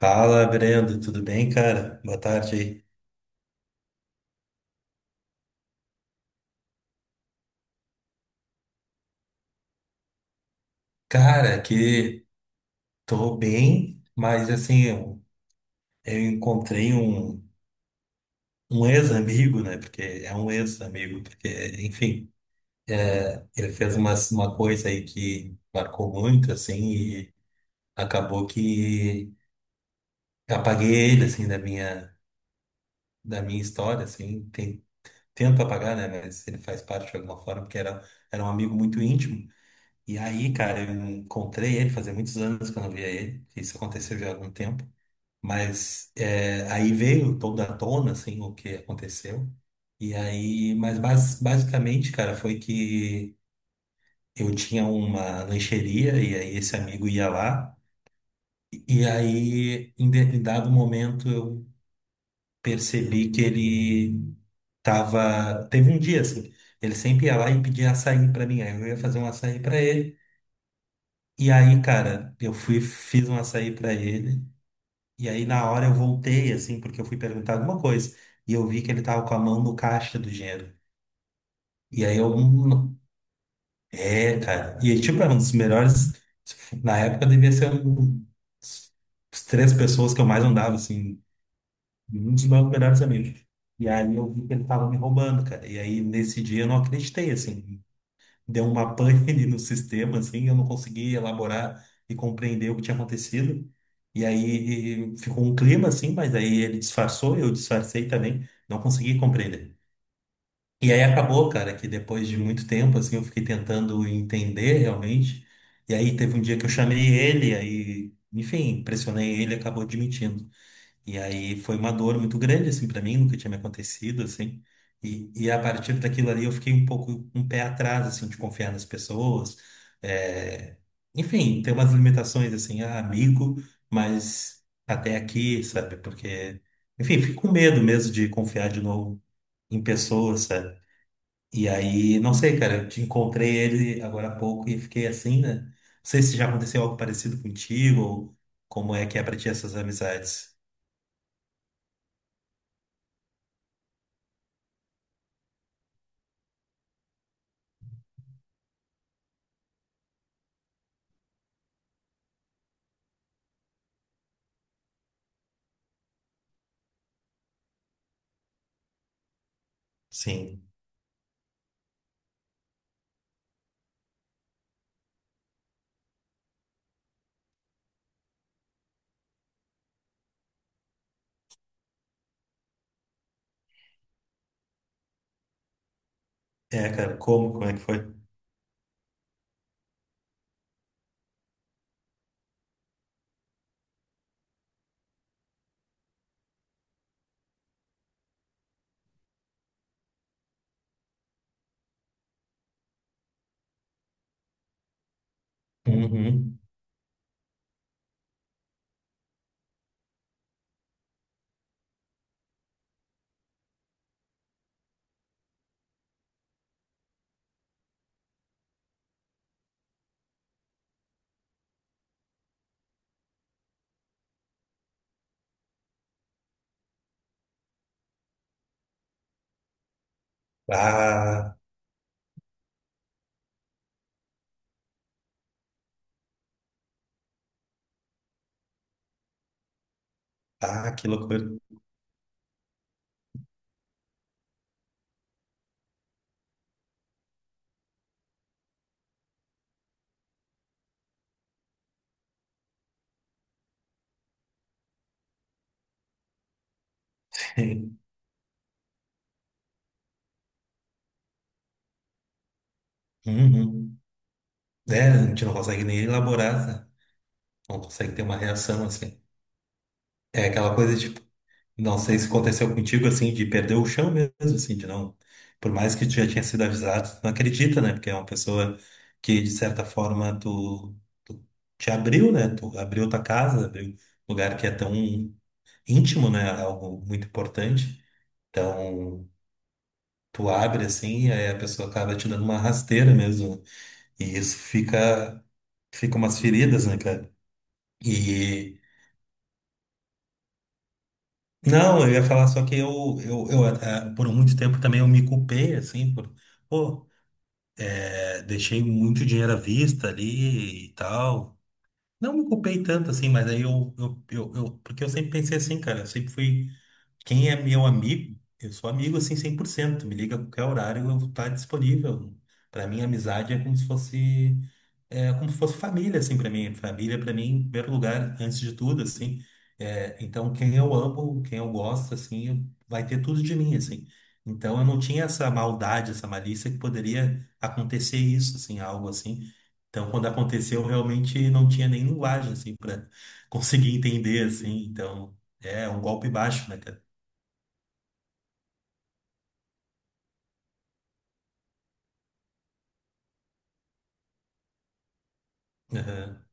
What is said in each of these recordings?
Fala, Brendo, tudo bem, cara? Boa tarde aí. Cara, que tô bem, mas assim, eu encontrei um ex-amigo, né? Porque é um ex-amigo, porque, enfim, ele fez uma coisa aí que marcou muito, assim, e acabou que apaguei ele, assim, da da minha história, assim. Tento apagar, né? Mas ele faz parte de alguma forma, porque era um amigo muito íntimo. E aí, cara, eu encontrei ele, fazia muitos anos que eu não via ele, que isso aconteceu já há algum tempo, mas é, aí veio toda à tona, assim, o que aconteceu, e aí, mas basicamente, cara, foi que eu tinha uma lancheria, e aí esse amigo ia lá, e aí, em dado momento, eu percebi que ele teve um dia, assim, ele sempre ia lá e pedia açaí pra mim, aí eu ia fazer um açaí pra ele. E aí, cara, eu fui, fiz um açaí pra ele. E aí, na hora, eu voltei, assim, porque eu fui perguntar alguma coisa. E eu vi que ele tava com a mão no caixa do dinheiro. E aí, eu. É, cara. E, tipo, era um dos melhores. Na época, devia ser um. As três pessoas que eu mais andava, assim. Um dos meus melhores amigos. E aí, eu vi que ele tava me roubando, cara. E aí, nesse dia, eu não acreditei, assim. Deu uma pane ali no sistema, assim, eu não consegui elaborar e compreender o que tinha acontecido. E aí ficou um clima, assim, mas aí ele disfarçou, eu disfarcei também, não consegui compreender. E aí acabou, cara, que depois de muito tempo, assim, eu fiquei tentando entender realmente. E aí teve um dia que eu chamei ele, aí, enfim, pressionei ele, acabou admitindo. E aí foi uma dor muito grande, assim, para mim, nunca tinha me acontecido, assim. E a partir daquilo ali eu fiquei um pouco um pé atrás, assim, de confiar nas pessoas. É... Enfim, tem umas limitações, assim, ah, amigo, mas até aqui, sabe? Porque, enfim, fico com medo mesmo de confiar de novo em pessoas, sabe? E aí, não sei, cara, eu te encontrei ele agora há pouco e fiquei assim, né? Não sei se já aconteceu algo parecido contigo ou como é que é pra ti essas amizades. Sim. É, cara, como? Como é que foi? Uhum. Ah, ah, que loucura. Uhum. É, a gente não consegue nem elaborar, sabe? Não consegue ter uma reação, assim. É aquela coisa, tipo, não sei se aconteceu contigo, assim, de perder o chão mesmo, assim, de não... Por mais que tu já tinha sido avisado, tu não acredita, né? Porque é uma pessoa que, de certa forma, tu te abriu, né? Tu abriu tua casa, abriu um lugar que é tão íntimo, né? Algo muito importante. Então, tu abre assim, e aí a pessoa acaba te dando uma rasteira mesmo. E isso fica umas feridas, né, cara? E não, eu ia falar só que por muito tempo também eu me culpei, assim, por, pô, eh, deixei muito dinheiro à vista ali e tal. Não me culpei tanto assim, mas aí porque eu sempre pensei assim, cara, eu sempre fui. Quem é meu amigo, eu sou amigo assim 100%. Me liga a qualquer horário, eu vou estar disponível. Para mim, amizade é como se fosse é como se fosse família assim para mim. Família para mim, em primeiro lugar, antes de tudo assim. É, então, quem eu amo, quem eu gosto assim, vai ter tudo de mim assim. Então, eu não tinha essa maldade, essa malícia que poderia acontecer isso assim, algo assim. Então, quando aconteceu, eu realmente não tinha nem linguagem assim para conseguir entender assim. Então, é um golpe baixo, né, cara? Aham,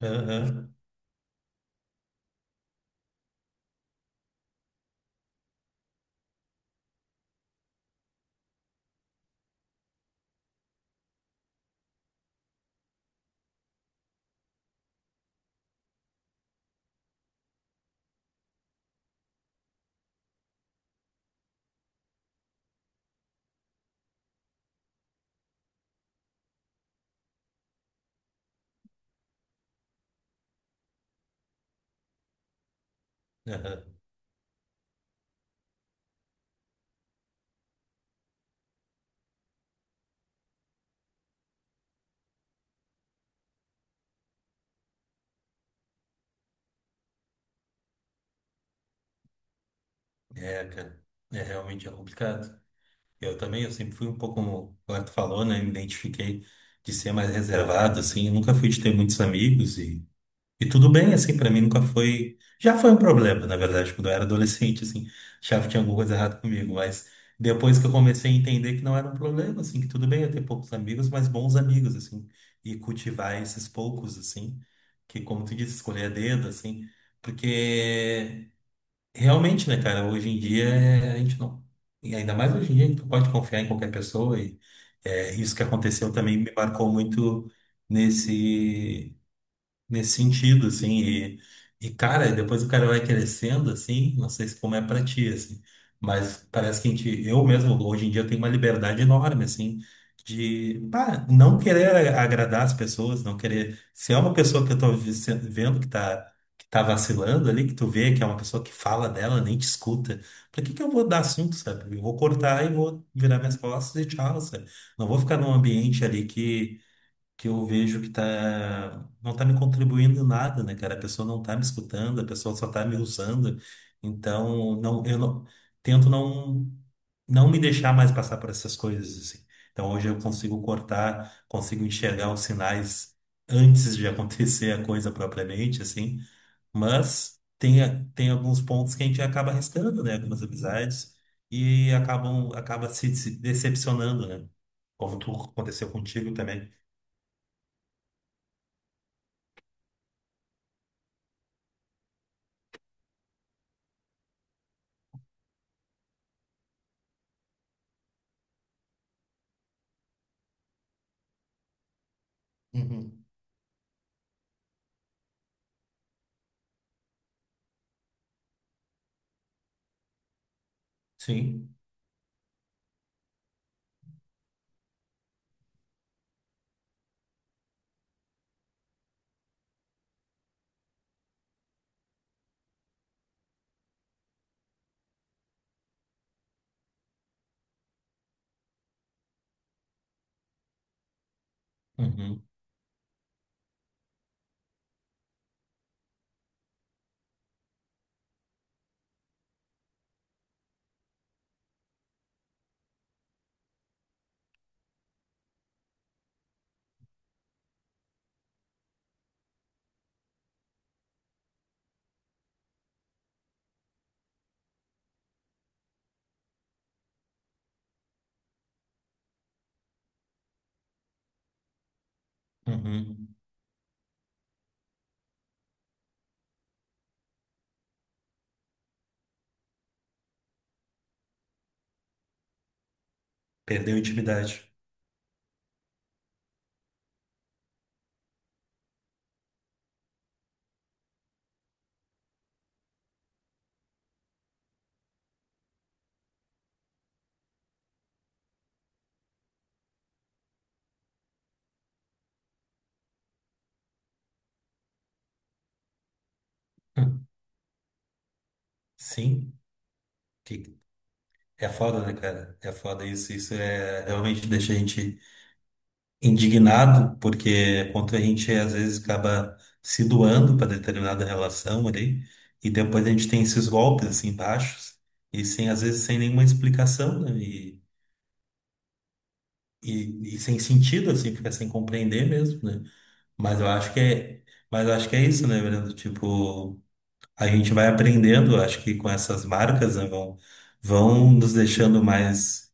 aham, aham. É, cara, realmente é complicado. Eu também, eu sempre fui um pouco, como o tu falou, né? Me identifiquei de ser mais reservado, assim. Eu nunca fui de ter muitos amigos e tudo bem, assim, pra mim nunca foi. Já foi um problema, na verdade, quando eu era adolescente, assim, achava que tinha alguma coisa errada comigo, mas depois que eu comecei a entender que não era um problema, assim, que tudo bem eu ter poucos amigos, mas bons amigos, assim, e cultivar esses poucos, assim, que, como tu disse, escolher a dedo, assim, porque. Realmente, né, cara? Hoje em dia é, a gente não. E ainda mais hoje em dia a gente não pode confiar em qualquer pessoa. E é, isso que aconteceu também me marcou muito nesse nesse sentido, assim, e cara, depois o cara vai crescendo, assim, não sei se como é pra ti, assim, mas parece que a gente, eu mesmo, hoje em dia, tenho uma liberdade enorme, assim, de, pá, não querer agradar as pessoas, não querer, se é uma pessoa que eu tô vi- se- vendo que tá vacilando ali, que tu vê que é uma pessoa que fala dela, nem te escuta, pra que que eu vou dar assunto, sabe? Eu vou cortar e vou virar minhas costas e tchau, sabe? Não vou ficar num ambiente ali que eu vejo que tá, não tá me contribuindo em nada, né, cara? A pessoa não tá me escutando, a pessoa só tá me usando. Então, não, eu não, tento não, não me deixar mais passar por essas coisas, assim. Então, hoje eu consigo cortar, consigo enxergar os sinais antes de acontecer a coisa propriamente, assim. Mas tem, tem alguns pontos que a gente acaba arriscando, né? Algumas amizades e acabam, acaba se decepcionando, né? Como tu aconteceu contigo também. Sim. Uhum. Uhum. Perdeu a intimidade. Hum. Sim. Que- É foda, né, cara? É foda isso. Isso é realmente deixa a gente indignado, porque quanto a gente às vezes acaba se doando para determinada relação ali, e depois a gente tem esses golpes assim baixos, e sem, às vezes sem nenhuma explicação, né? E sem sentido, assim, fica sem compreender mesmo, né? Mas eu acho que é, mas eu acho que é isso, né, Brando? Tipo. A gente vai aprendendo, acho que com essas marcas, né, vão nos deixando mais,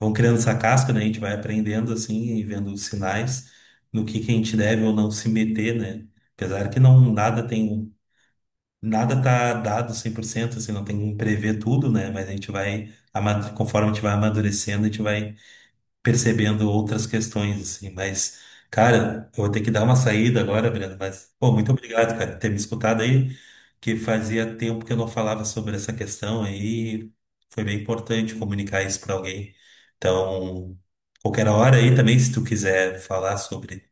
vão criando essa casca, né, a gente vai aprendendo assim e vendo os sinais no que a gente deve ou não se meter, né? Apesar que não nada tem nada tá dado 100% assim, não tem como prever tudo, né? Mas a gente vai conforme a gente vai amadurecendo, a gente vai percebendo outras questões, assim. Mas, cara, eu vou ter que dar uma saída agora, Breno. Mas, pô, muito obrigado, cara, por ter me escutado aí, que fazia tempo que eu não falava sobre essa questão aí. Foi bem importante comunicar isso para alguém. Então, qualquer hora aí também, se tu quiser falar sobre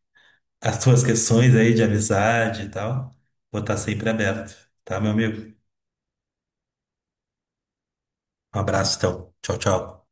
as tuas questões aí de amizade e tal, vou estar sempre aberto, tá, meu amigo? Um abraço, então. Tchau, tchau.